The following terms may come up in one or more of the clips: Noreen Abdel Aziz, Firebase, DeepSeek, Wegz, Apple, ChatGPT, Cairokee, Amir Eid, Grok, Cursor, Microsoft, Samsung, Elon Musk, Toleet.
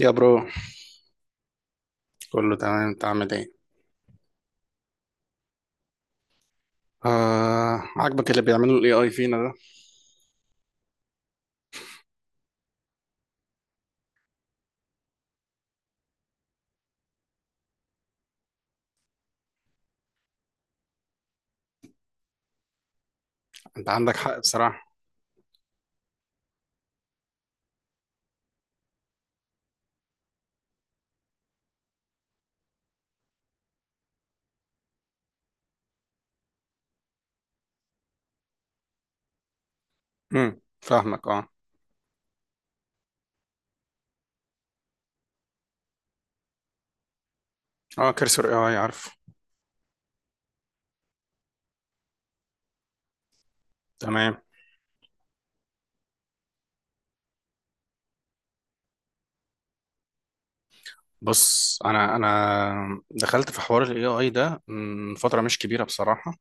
يا برو، كله تمام؟ انت عامل ايه؟ عاجبك اللي بيعمله الاي اي فينا ده. انت عندك حق بصراحة. فاهمك، اه. اه، كرسور اي اي عارف. تمام. بص، انا دخلت في حوار الاي اي ده من فترة مش كبيرة بصراحة.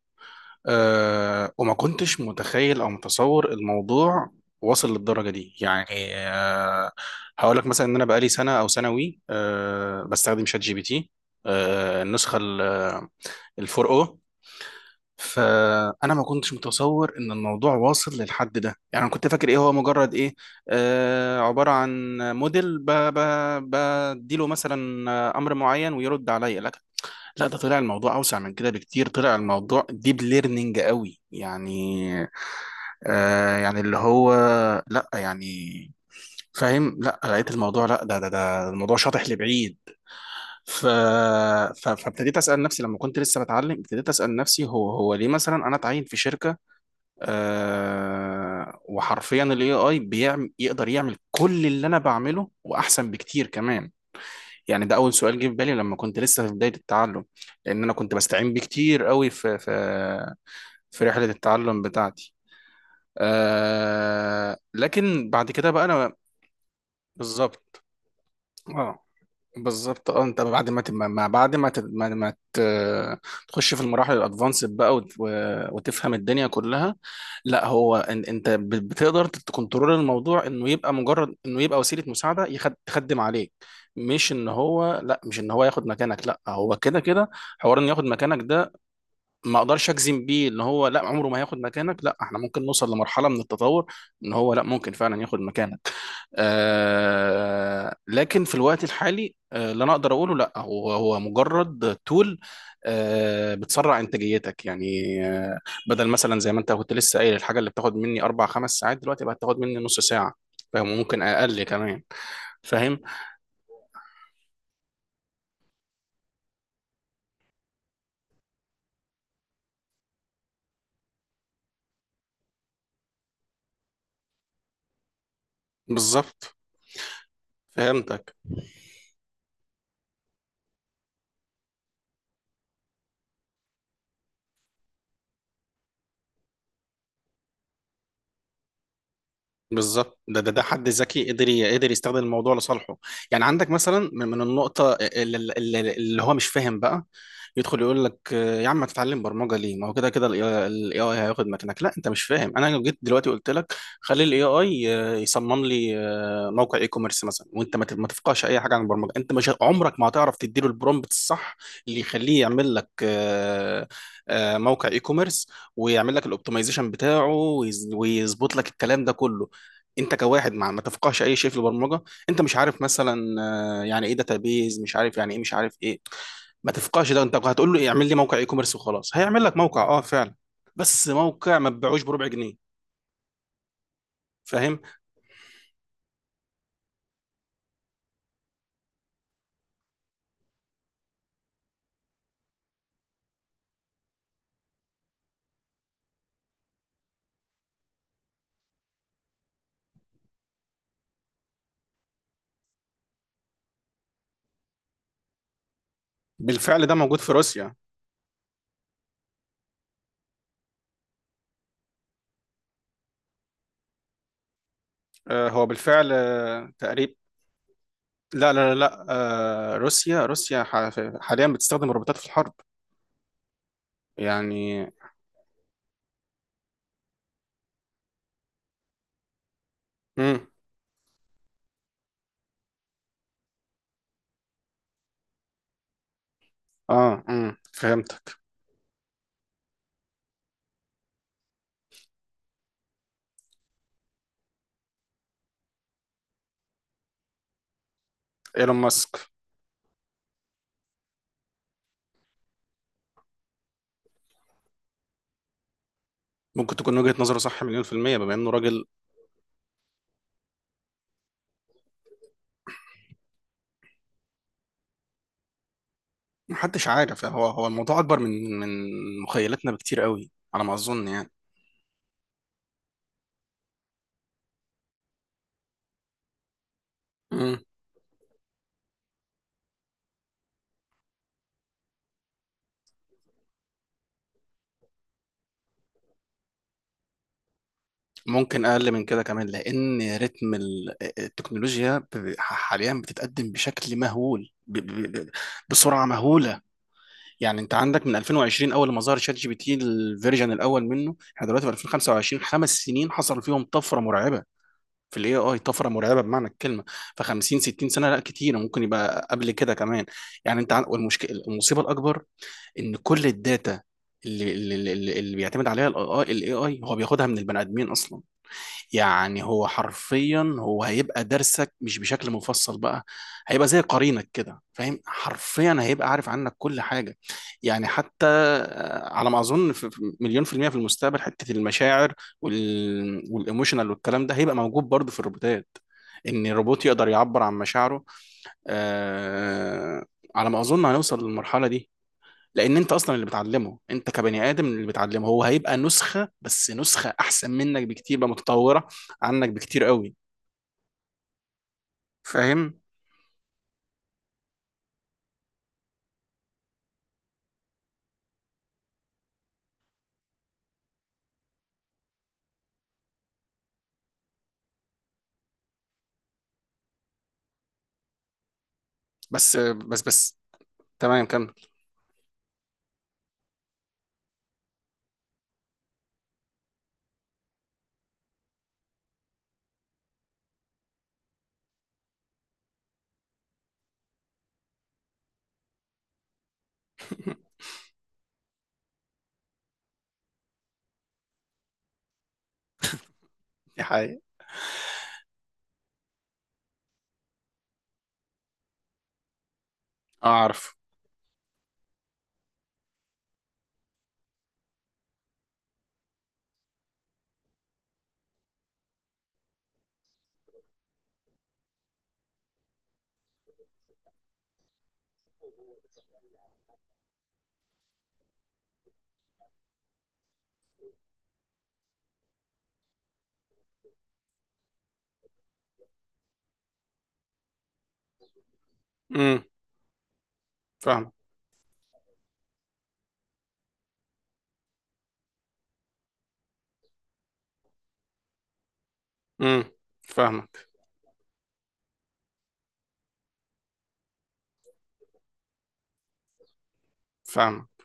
وما كنتش متخيل او متصور الموضوع واصل للدرجة دي يعني. آه هقول لك مثلا ان انا بقالي سنة او سنة وي آه بستخدم شات جي بي تي. النسخة الفور او. فانا ما كنتش متصور ان الموضوع واصل للحد ده، يعني انا كنت فاكر ايه هو، مجرد ايه، عباره عن موديل بديله مثلا، امر معين ويرد عليا، لكن لا، ده طلع الموضوع اوسع من كده بكتير، طلع الموضوع ديب ليرنينج قوي يعني. آه، يعني اللي هو، لا يعني فاهم، لا لقيت الموضوع، لا ده الموضوع شاطح لبعيد. ف... فابتديت اسال نفسي، لما كنت لسه بتعلم، ابتديت اسال نفسي، هو ليه مثلا انا اتعين في شركه، وحرفيا الاي اي بيعمل، يقدر يعمل كل اللي انا بعمله واحسن بكتير كمان. يعني ده اول سؤال جه في بالي لما كنت لسه في بدايه التعلم، لان انا كنت بستعين بيه كتير قوي في في رحله التعلم بتاعتي. لكن بعد كده بقى انا. بالظبط، اه. بالظبط، اه. انت بعد ما ت- ما ما- بعد ما ت- ما ما ت- تخش في المراحل الادفانسد بقى، وتفهم الدنيا كلها. لا، هو انت بتقدر تكنترول الموضوع، انه يبقى مجرد، انه يبقى وسيله مساعده، تخدم عليك، مش ان هو، لا، مش ان هو ياخد مكانك. لا، هو كده كده حوار انه ياخد مكانك ده، ما اقدرش اجزم بيه ان هو لا، عمره ما هياخد مكانك. لا، احنا ممكن نوصل لمرحله من التطور ان هو، لا، ممكن فعلا ياخد مكانك. لكن في الوقت الحالي، اللي انا اقدر اقوله، لا هو هو مجرد تول. بتسرع انتاجيتك يعني. آه. بدل مثلا زي ما انت كنت لسه قايل، الحاجه اللي بتاخد مني 4 5 ساعات دلوقتي بقت تاخد مني نص ساعه، فاهم، ممكن اقل كمان. فاهم. بالظبط، فهمتك. بالظبط، ده حد ذكي قدر، قدر يستخدم الموضوع لصالحه. يعني عندك مثلا من النقطة اللي هو مش فاهم بقى، يدخل يقول لك: يا عم، ما تتعلم برمجة ليه؟ ما هو كده كده الاي اي هياخد مكانك. لا، انت مش فاهم. انا لو جيت دلوقتي قلت لك خلي الاي اي يصمم لي موقع اي كوميرس مثلا، وانت ما تفقهش اي حاجة عن البرمجة، انت مش ه- عمرك ما هتعرف تديله البرومبت الصح اللي يخليه يعمل لك موقع اي كوميرس، ويعمل لك الاوبتمايزيشن بتاعه، ويظبط لك الكلام ده كله، انت كواحد ما تفقهش اي شيء في البرمجه. انت مش عارف مثلا يعني ايه داتابيز، مش عارف يعني ايه، مش عارف ايه، ما تفقهش ده. انت هتقول له اعمل لي موقع اي كوميرس وخلاص، هيعمل لك موقع، اه فعلا، بس موقع ما تبيعوش بربع جنيه. فاهم. بالفعل ده موجود في روسيا. هو بالفعل تقريبا. لا لا لا لا. روسيا روسيا حاليا بتستخدم الروبوتات في الحرب، يعني. امم. اه، فهمتك. ايلون ماسك، ممكن تكون وجهة نظره صح مليون% بما انه راجل. محدش عارف، هو الموضوع اكبر من مخيلتنا بكتير قوي على ما اظن يعني. مم. ممكن اقل من كده كمان، لان رتم التكنولوجيا حاليا بتتقدم بشكل مهول، بسرعه مهوله. يعني انت عندك من 2020، اول ما ظهر شات جي بي تي الفيرجن الاول منه، احنا دلوقتي في 2025، 5 سنين حصل فيهم طفره مرعبه في الاي اي، طفره مرعبه بمعنى الكلمه. ف 50 60 سنه لا كتير، ممكن يبقى قبل كده كمان. يعني انت والمشكله، المصيبه الاكبر ان كل الداتا اللي بيعتمد عليها الاي اي هو بياخدها من البني ادمين اصلا. يعني هو حرفيا، هو هيبقى درسك مش بشكل مفصل بقى، هيبقى زي قرينك كده، فاهم، حرفيا هيبقى عارف عنك كل حاجه. يعني حتى على ما اظن في مليون% في المستقبل حته المشاعر، وال، والايموشنال والكلام ده هيبقى موجود برضه في الروبوتات، ان الروبوت يقدر يعبر عن مشاعره. آه، على ما اظن هنوصل للمرحله دي، لان انت اصلا اللي بتعلمه، انت كبني ادم اللي بتعلمه، هو هيبقى نسخه، بس نسخه احسن منك بكتير بقى، متطوره عنك بكتير قوي، فاهم. بس بس بس، تمام كمل. دي حقيقة. اعرف. امم فاهمك. امم فاهمك. فاهمك.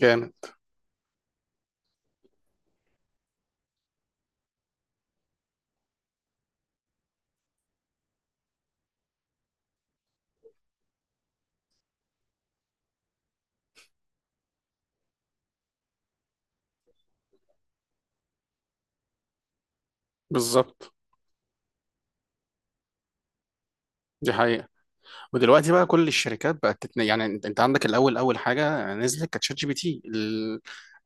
جامد. بالظبط. دي حقيقة. ودلوقتي بقى كل الشركات بقت يعني، انت عندك الاول، اول حاجة نزلت كانت شات جي بي تي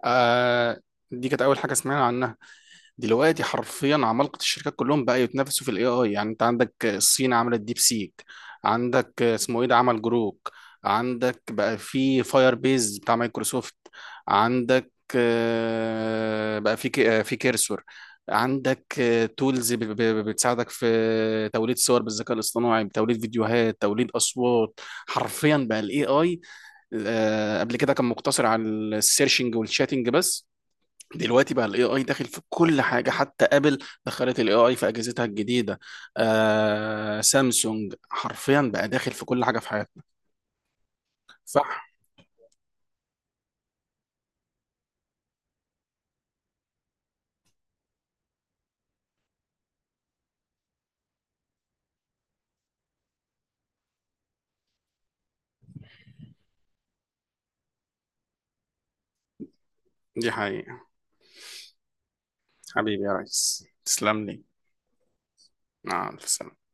آه... دي كانت اول حاجة سمعنا عنها. دلوقتي حرفيا عمالقة الشركات كلهم بقى يتنافسوا في الاي اي. يعني انت عندك الصين عملت ديب سيك، عندك اسمه ايه ده، عمل جروك. عندك بقى في فاير بيز بتاع مايكروسوفت. عندك بقى في في كيرسور. عندك تولز بتساعدك في توليد صور بالذكاء الاصطناعي، بتوليد فيديوهات، توليد اصوات. حرفيا بقى الاي اي، قبل كده كان مقتصر على السيرشنج والشاتنج بس، دلوقتي بقى الاي اي داخل في كل حاجه، حتى ابل دخلت الاي اي في اجهزتها الجديده. سامسونج، حرفيا بقى داخل في كل حاجه في حياتنا. صح. دي حقيقه. حبيبي يا ريس، تسلم لي. مع الف سلامه.